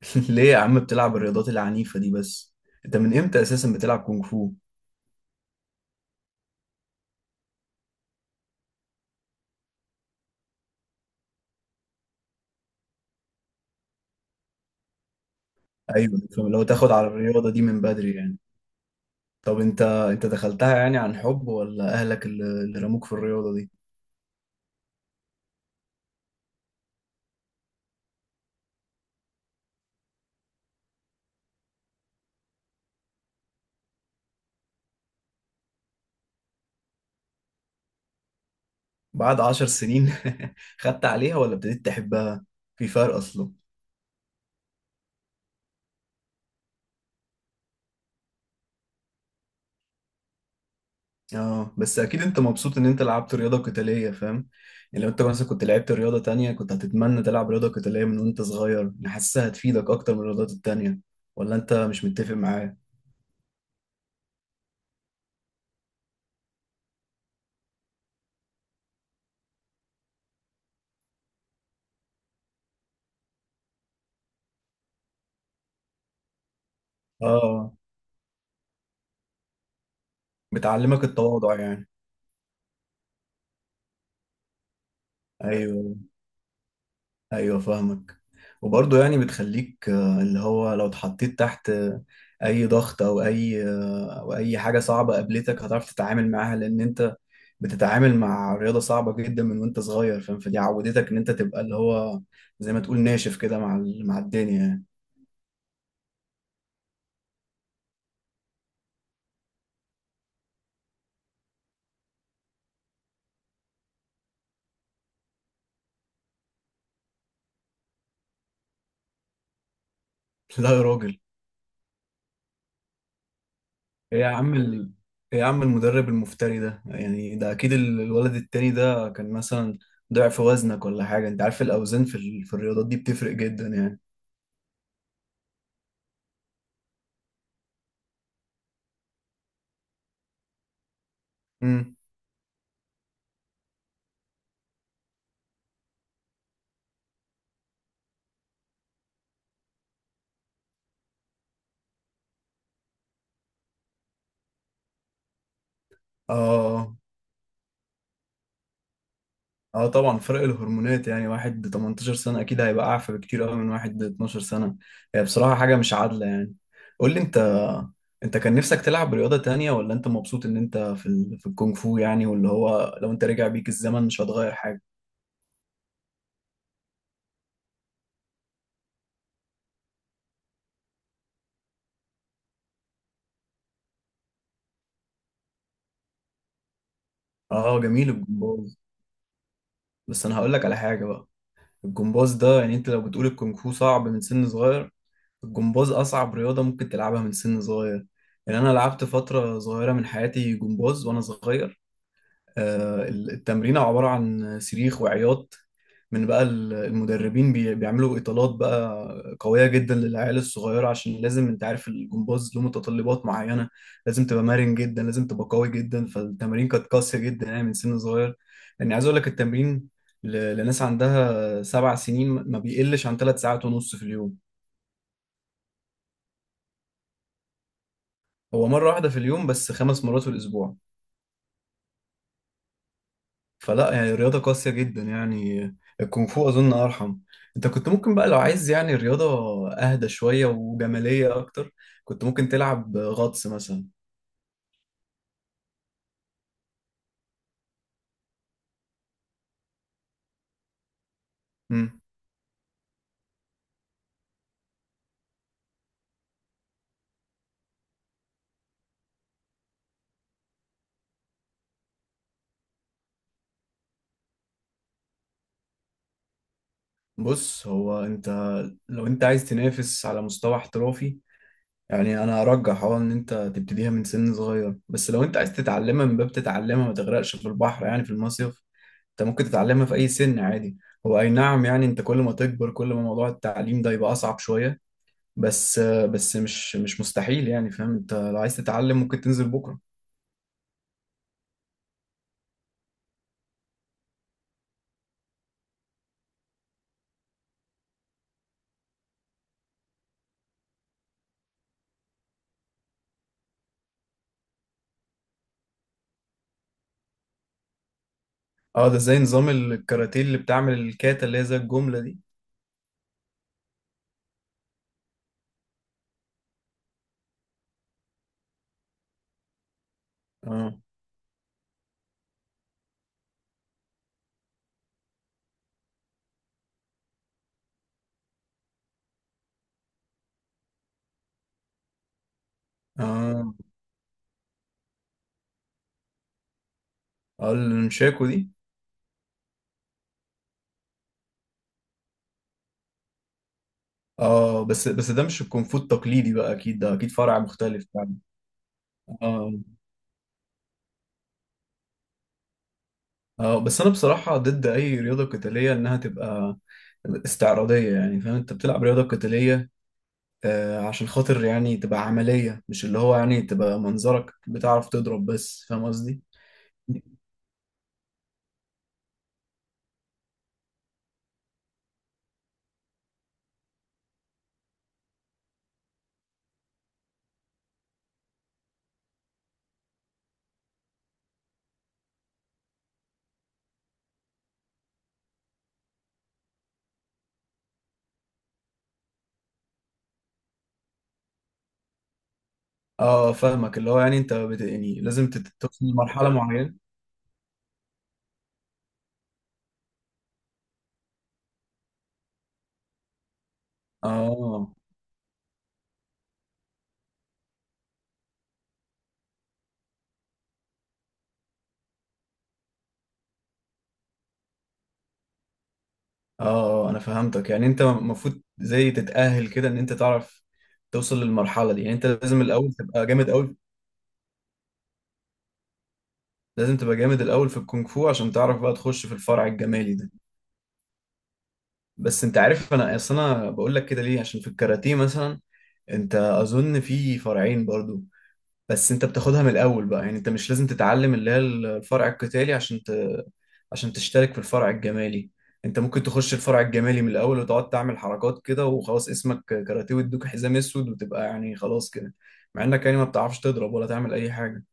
ليه يا عم بتلعب الرياضات العنيفة دي بس؟ انت من امتى اساسا بتلعب كونغ فو؟ ايوه، لو تاخد على الرياضة دي من بدري يعني. طب انت دخلتها يعني عن حب ولا اهلك اللي رموك في الرياضة دي؟ بعد 10 سنين؟ خدت عليها ولا ابتديت تحبها؟ في فرق اصلا. اه بس اكيد انت مبسوط ان انت لعبت رياضة قتالية، فاهم؟ يعني لو انت مثلا كنت لعبت رياضة تانية، كنت هتتمنى تلعب رياضة قتالية من وانت صغير، يعني حاسسها هتفيدك اكتر من الرياضات التانية؟ ولا انت مش متفق معايا؟ اه، بتعلمك التواضع يعني. ايوه، ايوه فاهمك. وبرضه يعني بتخليك، اللي هو لو اتحطيت تحت اي ضغط، او اي او اي حاجه صعبه قابلتك، هتعرف تتعامل معاها، لان انت بتتعامل مع رياضه صعبه جدا من وانت صغير، فاهم؟ فدي عودتك ان انت تبقى اللي هو زي ما تقول ناشف كده مع مع الدنيا يعني. لا يا راجل. ايه يا عم ال... ايه يا عم المدرب المفتري ده، يعني ده اكيد الولد التاني ده كان مثلا ضعف وزنك ولا حاجة؟ انت عارف الاوزان في ال... في الرياضات دي بتفرق جدا يعني. امم. اه. اه طبعا فرق الهرمونات، يعني واحد 18 سنة اكيد هيبقى اعفى بكتير قوي من واحد 12 سنة. هي بصراحة حاجة مش عادلة يعني. قول لي انت، انت كان نفسك تلعب رياضة تانية ولا انت مبسوط ان انت في ال... في الكونغ فو يعني؟ واللي هو لو انت رجع بيك الزمن مش هتغير حاجة؟ اه جميل الجمباز. بس انا هقول لك على حاجة بقى. الجمباز ده، يعني انت لو بتقول الكونغ فو صعب من سن صغير، الجمباز اصعب رياضة ممكن تلعبها من سن صغير. يعني انا لعبت فترة صغيرة من حياتي جمباز وانا صغير. التمرين عبارة عن صريخ وعياط من بقى المدربين، بيعملوا اطالات بقى قويه جدا للعيال الصغيره، عشان لازم، انت عارف، الجمباز له متطلبات معينه، لازم تبقى مرن جدا، لازم تبقى قوي جدا، فالتمارين كانت قاسيه جدا يعني من سن صغير. يعني عايز اقول لك التمرين لناس عندها 7 سنين ما بيقلش عن 3 ساعات ونص في اليوم. هو مره واحده في اليوم بس 5 مرات في الاسبوع. فلا، يعني رياضة قاسية جدا، يعني الكونغ فو أظن أرحم. أنت كنت ممكن بقى لو عايز يعني رياضة أهدى شوية وجمالية أكتر، كنت ممكن تلعب غطس مثلا. مم. بص، هو أنت لو أنت عايز تنافس على مستوى احترافي يعني، أنا أرجح أه إن أنت تبتديها من سن صغير، بس لو أنت عايز تتعلمها من باب تتعلمها ما تغرقش في البحر يعني في المصيف، أنت ممكن تتعلمها في أي سن عادي. هو أي نعم، يعني أنت كل ما تكبر كل ما موضوع التعليم ده يبقى أصعب شوية، بس بس مش مستحيل يعني، فاهم؟ انت لو عايز تتعلم ممكن تنزل بكره. اه ده زي نظام الكاراتيه اللي بتعمل الكاتا، اللي هي زي الجمله دي. اه. اه. اه المشاكو دي. اه، بس بس ده مش الكونفو التقليدي بقى، اكيد ده اكيد فرع مختلف يعني. اه. اه بس انا بصراحه ضد اي رياضه قتاليه انها تبقى استعراضيه، يعني فاهم؟ انت بتلعب رياضه قتاليه آه عشان خاطر يعني تبقى عمليه، مش اللي هو يعني تبقى منظرك بتعرف تضرب بس، فاهم قصدي؟ اه فاهمك، اللي هو يعني انت يعني لازم توصل لمرحلة معينة. اه. اه. انا فهمتك، يعني انت المفروض زي تتأهل كده ان انت تعرف توصل للمرحلة دي، يعني انت لازم الاول تبقى جامد قوي. لازم تبقى جامد الاول في الكونغ فو عشان تعرف بقى تخش في الفرع الجمالي ده. بس انت عارف انا اصل انا بقول لك كده ليه؟ عشان في الكاراتيه مثلا، انت اظن في فرعين برضو، بس انت بتاخدها من الاول بقى يعني، انت مش لازم تتعلم اللي هي الفرع القتالي عشان عشان تشترك في الفرع الجمالي. انت ممكن تخش الفرع الجمالي من الاول وتقعد تعمل حركات كده وخلاص، اسمك كاراتيه ويدوك حزام اسود وتبقى يعني خلاص كده، مع انك يعني ما بتعرفش تضرب ولا تعمل اي حاجه.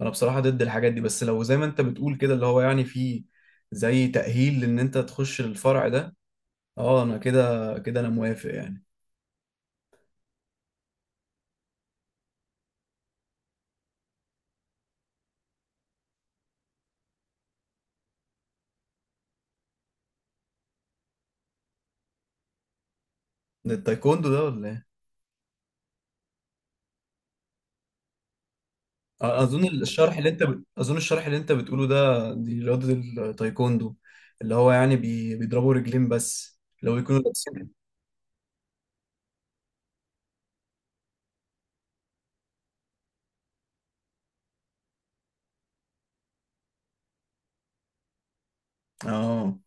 انا بصراحه ضد الحاجات دي، بس لو زي ما انت بتقول كده اللي هو يعني في زي تأهيل لان انت تخش الفرع ده، اه انا كده كده انا موافق يعني. ده التايكوندو ده ولا؟ اظن الشرح اللي انت اظن الشرح اللي انت بتقوله ده، دي رياضه التايكوندو، اللي هو يعني بيضربوا رجلين بس لو بيكونوا لابسين. اه.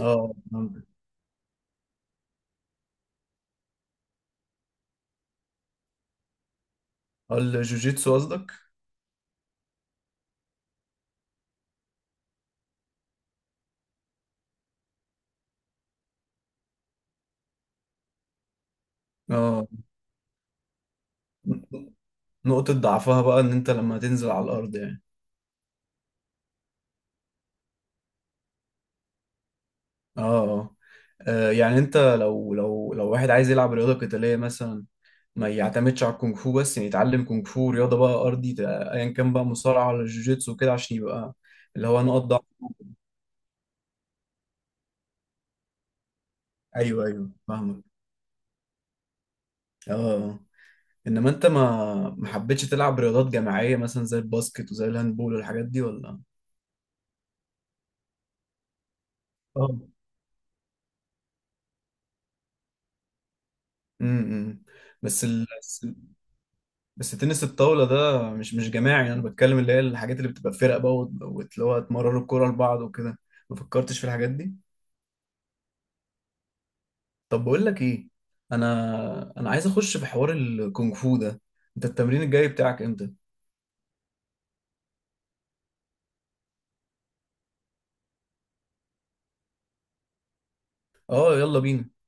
اه فهمتك. اه الجوجيتسو قصدك. اه، نقطه ضعفها بقى ان انت لما تنزل على الارض يعني. اه. اه. يعني انت لو واحد عايز يلعب رياضه قتاليه مثلا، ما يعتمدش على الكونغ فو بس، يعني يتعلم كونغ فو، رياضه بقى ارضي، ايا كان بقى مصارعه ولا جوجيتسو كده، عشان يبقى اللي هو نقط ضعف. ايوه، ايوه فاهمك. اه آه. انما انت ما حبيتش تلعب رياضات جماعيه مثلا زي الباسكت وزي الهاندبول والحاجات دي ولا؟ اه. امم. بس ال... بس تنس الطاوله ده مش جماعي، انا بتكلم اللي هي الحاجات اللي بتبقى فرق بقى اللي هو تمرروا الكوره لبعض وكده. ما فكرتش في الحاجات دي؟ طب بقول لك ايه، انا عايز اخش في حوار الكونغ فو ده. انت التمرين الجاي بتاعك امتى؟ اه يلا بينا.